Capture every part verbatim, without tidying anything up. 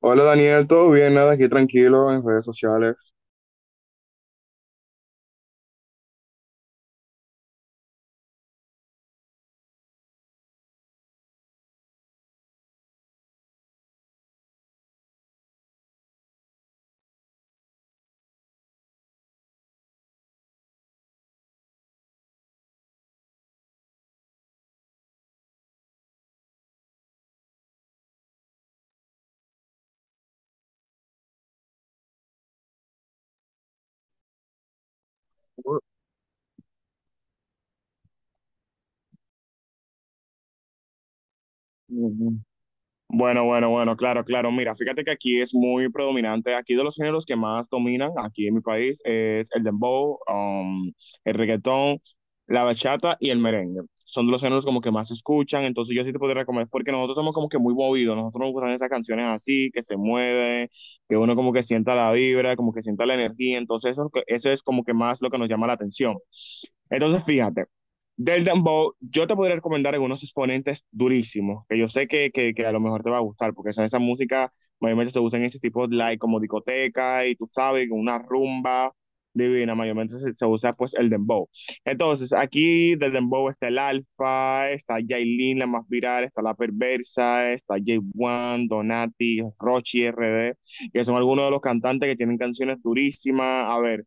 Hola Daniel, ¿todo bien? Nada, aquí tranquilo en redes sociales. Ujú. Bueno, bueno, bueno, claro, claro. Mira, fíjate que aquí es muy predominante. Aquí de los géneros que más dominan aquí en mi país es el dembow, um, el reggaetón, la bachata y el merengue. Son de los géneros como que más se escuchan. Entonces yo sí te podría recomendar, porque nosotros somos como que muy movidos. Nosotros nos gustan esas canciones así, que se mueven, que uno como que sienta la vibra, como que sienta la energía. Entonces eso, eso es como que más lo que nos llama la atención. Entonces, fíjate, del dembow, yo te podría recomendar algunos exponentes durísimos, que yo sé que, que, que a lo mejor te va a gustar, porque esa, esa música mayormente se usa en ese tipo de like, como discoteca, y tú sabes, con una rumba divina, mayormente se, se usa pues el dembow. Entonces, aquí del dembow está el Alfa, está Yailin, la más viral, está La Perversa, está J uno, Donati, Rochi, R D, que son algunos de los cantantes que tienen canciones durísimas. A ver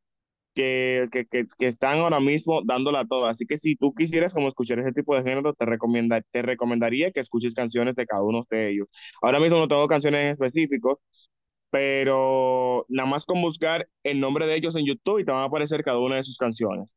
que, que, que, que están ahora mismo dándola toda. Así que si tú quisieras como escuchar ese tipo de género, te recomienda, te recomendaría que escuches canciones de cada uno de ellos. Ahora mismo no tengo canciones en específico, pero nada más con buscar el nombre de ellos en YouTube y te van a aparecer cada una de sus canciones.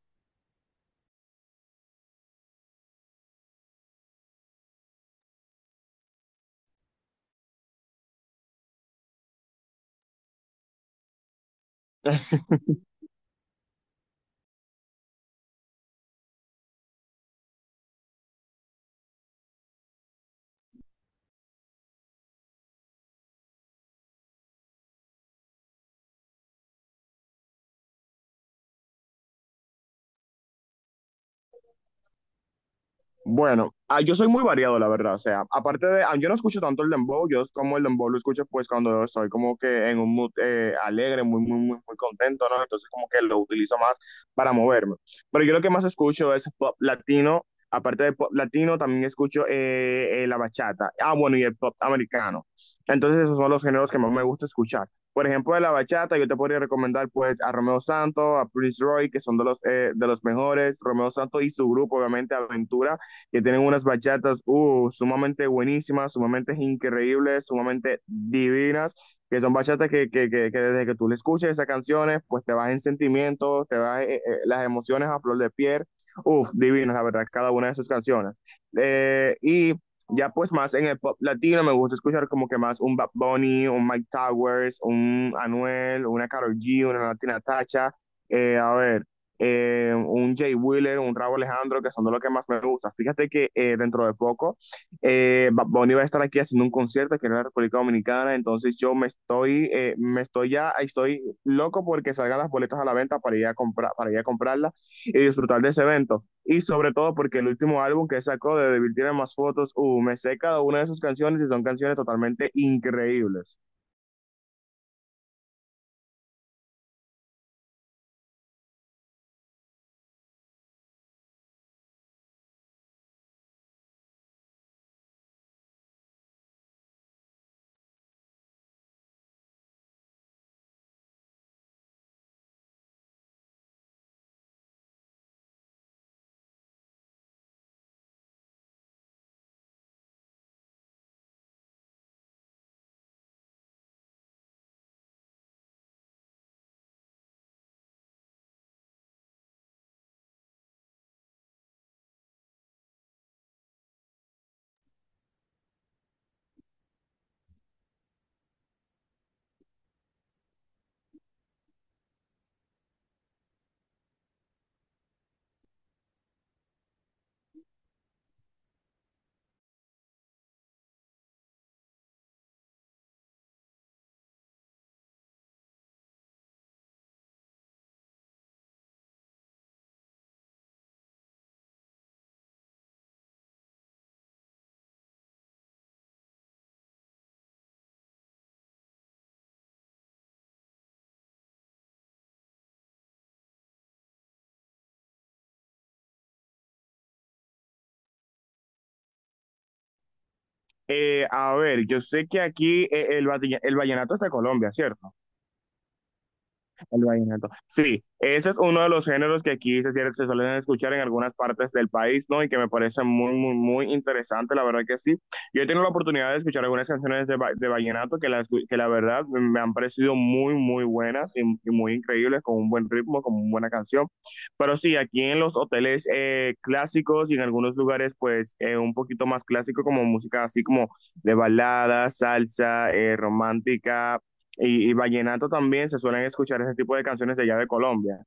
Bueno, ah, yo soy muy variado, la verdad. O sea, aparte de, ah, yo no escucho tanto el dembow, yo como el dembow lo escucho pues cuando estoy como que en un mood eh, alegre, muy, muy, muy, muy contento, ¿no? Entonces como que lo utilizo más para moverme. Pero yo lo que más escucho es pop latino. Aparte de pop latino, también escucho eh, eh, la bachata. Ah, bueno, y el pop americano. Entonces esos son los géneros que más me gusta escuchar. Por ejemplo, de la bachata, yo te podría recomendar pues a Romeo Santos, a Prince Roy, que son de los, eh, de los mejores. Romeo Santos y su grupo, obviamente, Aventura, que tienen unas bachatas uh, sumamente buenísimas, sumamente increíbles, sumamente divinas, que son bachatas que, que, que, que, desde que tú le escuches esas canciones, pues te vas en sentimientos, te vas eh, eh, las emociones a flor de piel. Uf, divinas, la verdad, cada una de sus canciones. Eh, y ya pues más en el pop latino me gusta escuchar como que más un Bad Bunny, un Mike Towers, un Anuel, una Karol G, una Latina Tacha. Eh, a ver, eh, un Jay Wheeler, un Raúl Alejandro, que son de los que más me gusta. Fíjate que eh, dentro de poco eh, Bonnie va a estar aquí haciendo un concierto aquí en la República Dominicana, entonces yo me estoy, eh, me estoy ya, estoy loco porque salgan las boletas a la venta para ir a comprar, para ir a comprarla y disfrutar de ese evento. Y sobre todo porque el último álbum que sacó de Devil tiene más fotos, uh, me sé cada una de sus canciones y son canciones totalmente increíbles. Eh, a ver, yo sé que aquí eh, el, el vallenato es de Colombia, ¿cierto? El vallenato. Sí, ese es uno de los géneros que aquí se, cier- se suelen escuchar en algunas partes del país, ¿no? Y que me parece muy, muy, muy interesante, la verdad que sí. Yo he tenido la oportunidad de escuchar algunas canciones de, va- de vallenato que la, que la verdad me han parecido muy, muy buenas y, y muy increíbles, con un buen ritmo, con una buena canción. Pero sí, aquí en los hoteles eh, clásicos y en algunos lugares, pues, eh, un poquito más clásico, como música así como de balada, salsa, eh, romántica y, y vallenato también se suelen escuchar ese tipo de canciones de allá de Colombia.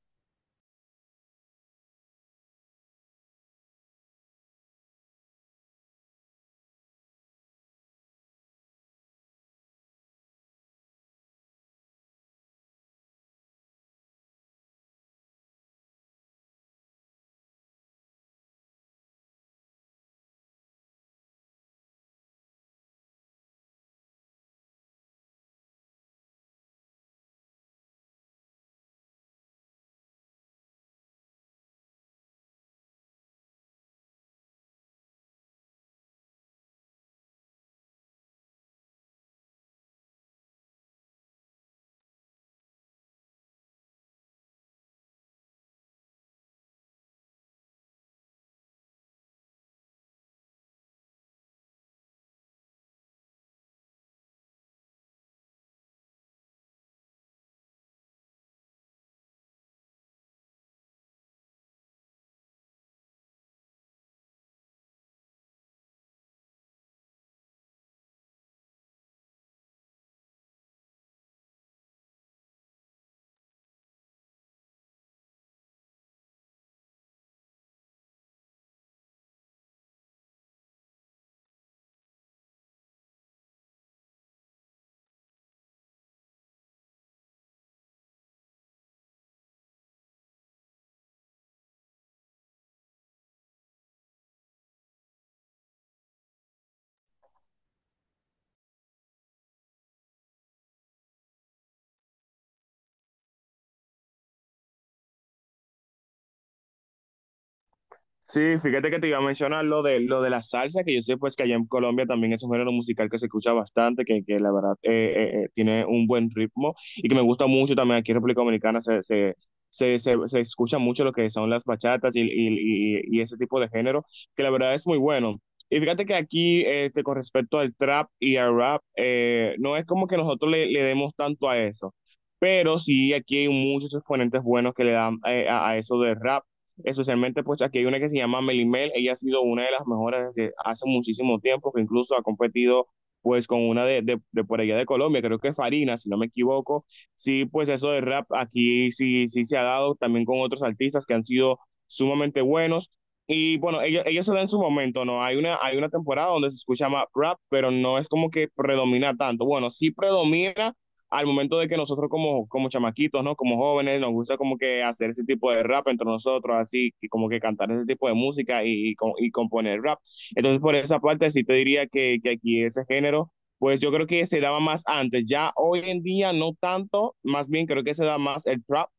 Sí, fíjate que te iba a mencionar lo de, lo de la salsa, que yo sé pues que allá en Colombia también es un género musical que se escucha bastante, que, que la verdad eh, eh, eh, tiene un buen ritmo y que me gusta mucho también aquí en República Dominicana se, se, se, se, se escucha mucho lo que son las bachatas y, y, y- y ese tipo de género, que la verdad es muy bueno. Y fíjate que aquí, este, con respecto al trap y al rap, eh, no es como que nosotros le, le demos tanto a eso. Pero sí, aquí hay muchos exponentes buenos que le dan eh, a, a eso del rap. Especialmente, pues aquí hay una que se llama Melimel. Ella ha sido una de las mejores desde hace muchísimo tiempo, que incluso ha competido pues con una de, de, de por allá de Colombia, creo que es Farina, si no me equivoco. Sí, pues eso de rap aquí sí, sí se ha dado también con otros artistas que han sido sumamente buenos. Y bueno, ellos, ellos se dan en su momento, ¿no? Hay una, hay una temporada donde se escucha más rap, pero no es como que predomina tanto. Bueno, sí predomina, al momento de que nosotros como, como chamaquitos, ¿no? Como jóvenes, nos gusta como que hacer ese tipo de rap entre nosotros, así, y como que cantar ese tipo de música y, y, y componer rap. Entonces, por esa parte, sí te diría que, que aquí ese género, pues yo creo que se daba más antes. Ya hoy en día no tanto, más bien creo que se da más el trap,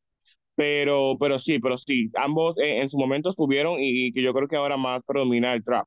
pero, pero sí, pero sí, ambos en, en su momento estuvieron y, y que yo creo que ahora más predomina el trap.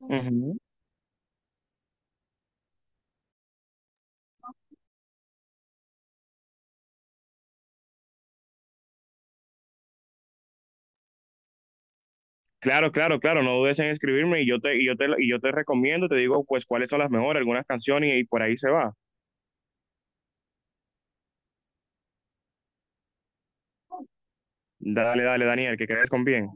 Ujú. Claro, claro, claro, no dudes en escribirme y yo te, y yo te, y yo te recomiendo, te digo pues cuáles son las mejores, algunas canciones y, y por ahí se va. Dale, dale, Daniel, que crees con bien.